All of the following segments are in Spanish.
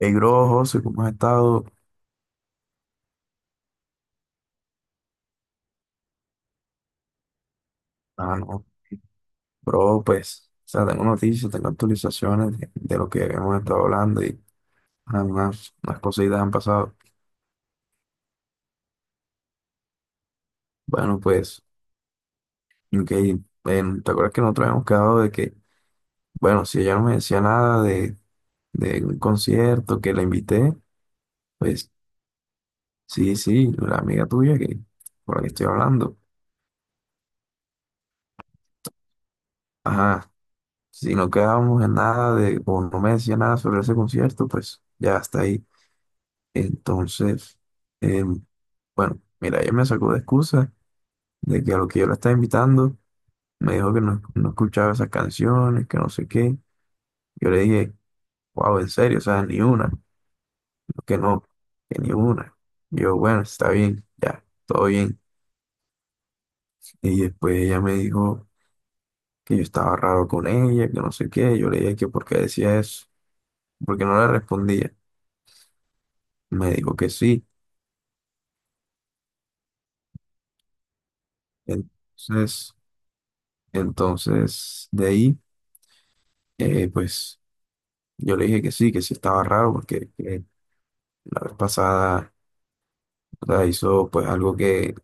Hey, bro, José, ¿cómo has estado? Ah, no, bro, pues, o sea, tengo noticias, tengo actualizaciones de lo que hemos estado hablando y unas cositas han pasado. Bueno, pues, ok, ven, ¿te acuerdas que nosotros habíamos quedado de que, bueno, si ella no me decía nada de un concierto que la invité, pues, sí, sí, la amiga tuya que, por la que estoy hablando. Ajá, si no quedábamos en nada de, o no me decía nada sobre ese concierto, pues, ya está ahí. Entonces, em, bueno, mira, ella me sacó de excusa de que a lo que yo la estaba invitando, me dijo que no, no escuchaba esas canciones, que no sé qué. Yo le dije, wow, en serio, o sea, ni una, que no, que ni una. Yo, bueno, está bien, ya, todo bien. Y después ella me dijo que yo estaba raro con ella, que no sé qué. Yo le dije que por qué decía eso, porque no le respondía. Me dijo que sí. Entonces, de ahí, pues. Yo le dije que sí estaba raro porque que la vez pasada o sea, hizo pues algo que,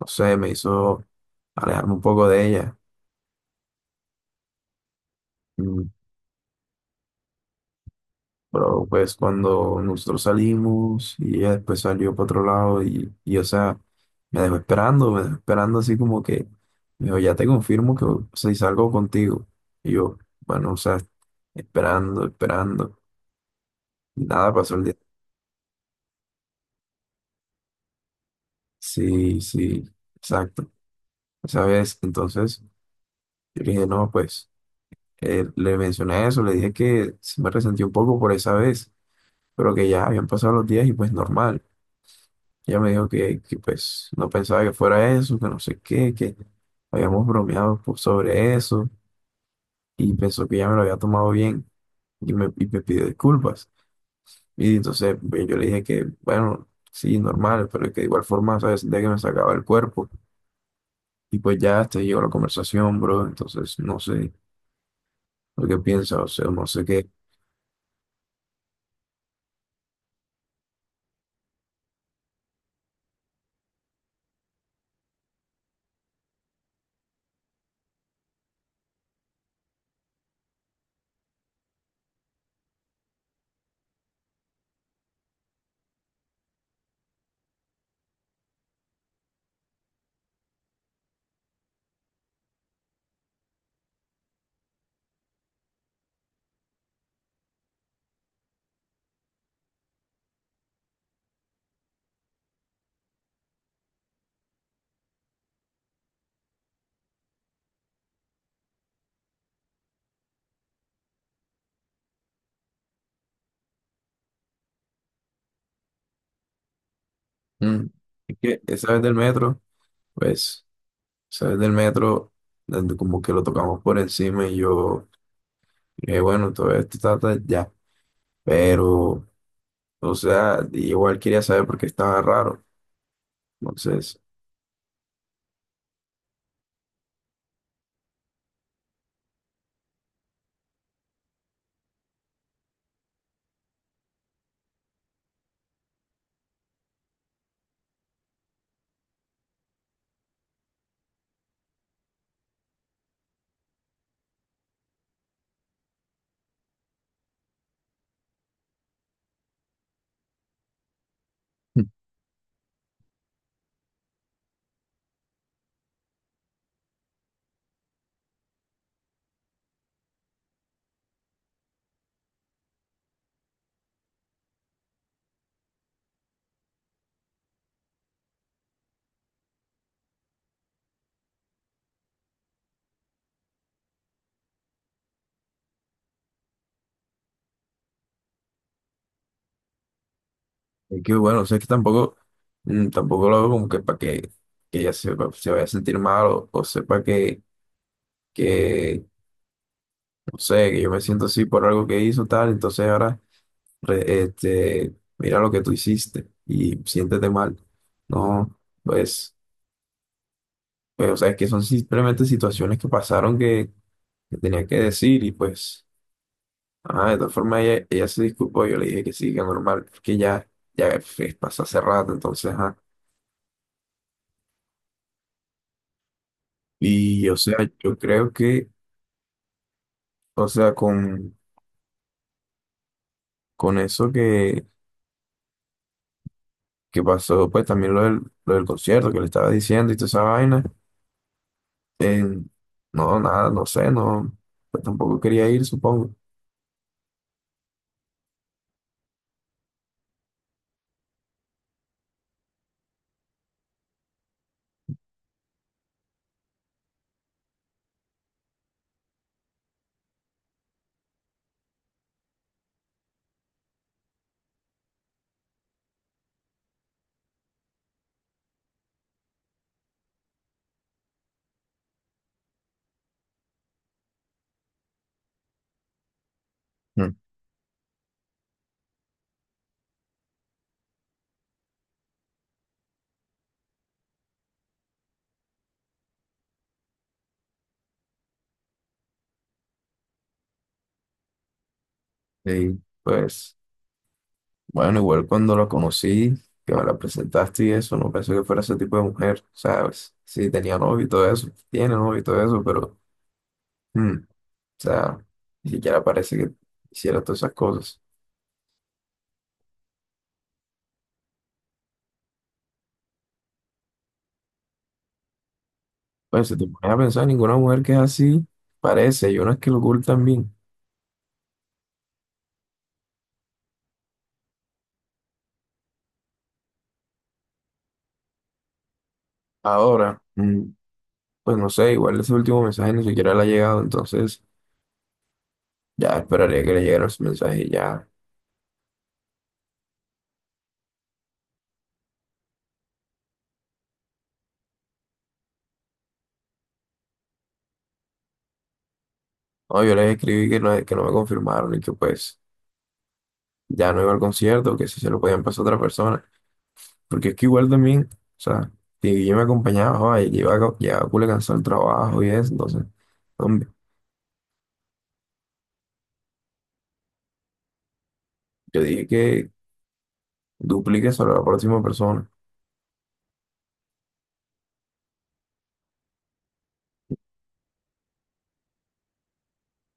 no sé, me hizo alejarme un poco de ella. Mm. Pero pues cuando nosotros salimos y ella después salió para otro lado y o sea, me dejó esperando así como que, me dijo, ya te confirmo que o sea, si salgo contigo. Y yo, bueno, o sea, esperando, esperando. Y nada, pasó el día. Sí, sí, exacto. Esa vez, entonces, yo le dije, no, pues. Le mencioné eso, le dije que sí me resentí un poco por esa vez, pero que ya habían pasado los días y pues normal. Ella me dijo que pues no pensaba que fuera eso, que no sé qué, que habíamos bromeado pues, sobre eso y pensó que ya me lo había tomado bien y me pidió disculpas. Y entonces pues, yo le dije que, bueno, sí, normal, pero que de igual forma, ¿sabes? Sentía que me sacaba el cuerpo. Y pues ya hasta ahí llegó la conversación, bro. Entonces no sé lo que piensa, o sea, no sé qué. Mm. Es que esa vez del metro. Pues, sabes del metro, donde como que lo tocamos por encima y yo, bueno, todo esto está ya. Pero, o sea, igual quería saber por qué estaba raro. Entonces, es que bueno, o sea, es que tampoco, tampoco lo hago como que para que, que ella sepa, se vaya a sentir mal o sepa que, no sé, que yo me siento así por algo que hizo tal. Entonces ahora, mira lo que tú hiciste y siéntete mal. No, pues. Pues, o sea, es que son simplemente situaciones que pasaron que tenía que decir y pues, de todas formas ella se disculpó, yo le dije que sí, que normal, que ya, ya pues, pasó hace rato, entonces, ajá. Y, o sea, yo creo que, o sea, con eso que pasó, pues también lo del concierto que le estaba diciendo y toda esa vaina, eh, no, nada, no sé, no, pues, tampoco quería ir, supongo. Mm. Y, pues... Bueno, igual cuando la conocí, que me la presentaste y eso, no pensé que fuera ese tipo de mujer, ¿sabes? Sí, tenía novio y todo eso, tiene novio y todo eso, pero, o sea, ni siquiera parece que hiciera todas esas cosas. Bueno, si te pones a pensar, ninguna mujer que es así parece, y unas que lo ocultan bien. Ahora, pues no sé, igual ese último mensaje ni siquiera le ha llegado, entonces ya esperaría que le llegara ese mensaje y ya. No, yo les escribí que no me confirmaron y que pues ya no iba al concierto, que si se lo podían pasar a otra persona. Porque es que igual también, o sea, que yo me acompañaba, joa, y llevaba, llevaba culo cansado el trabajo y eso, entonces, hombre, yo dije que duplique sobre la próxima persona.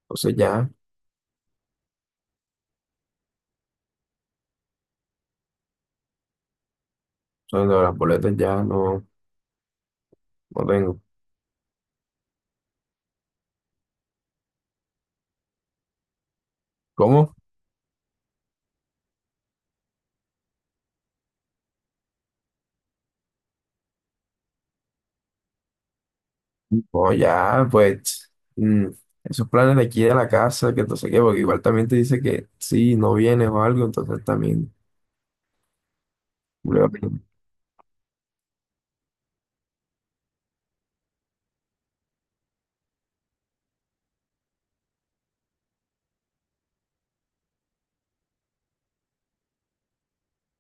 Entonces ya, sobre las boletas ya no, no tengo. ¿Cómo? No, ya, pues, mm, esos planes de aquí de la casa, que entonces qué, porque igual también te dice que sí, no vienes o algo, entonces también, luego,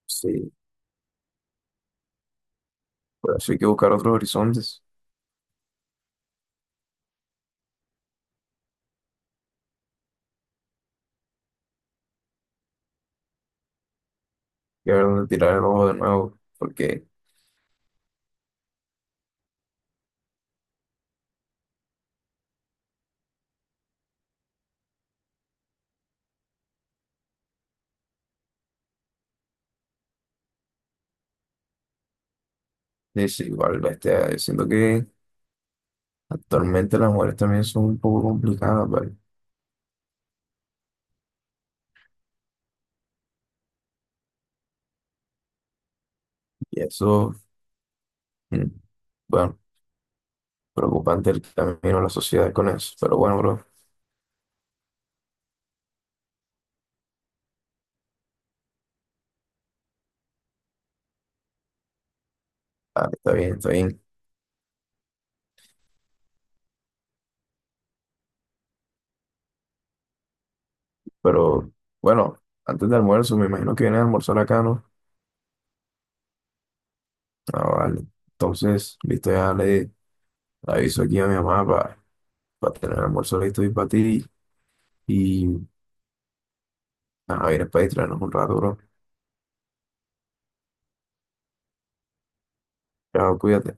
sí, por eso hay que buscar otros horizontes, y a ver dónde tirar el ojo de nuevo, porque es igual, bestia, yo siento que actualmente las mujeres también son un poco complicadas, ¿vale? Y eso, mm, bueno, preocupante el camino de la sociedad con eso. Pero bueno, bro, ah, está bien, está bien. Pero bueno, antes del almuerzo, me imagino que viene a almorzar acá, ¿no? Ah, vale. Entonces, listo, ya le aviso aquí a mi mamá para tener el almuerzo listo y para ti. Y nada, vienes para distraernos un rato, bro. Chao, cuídate.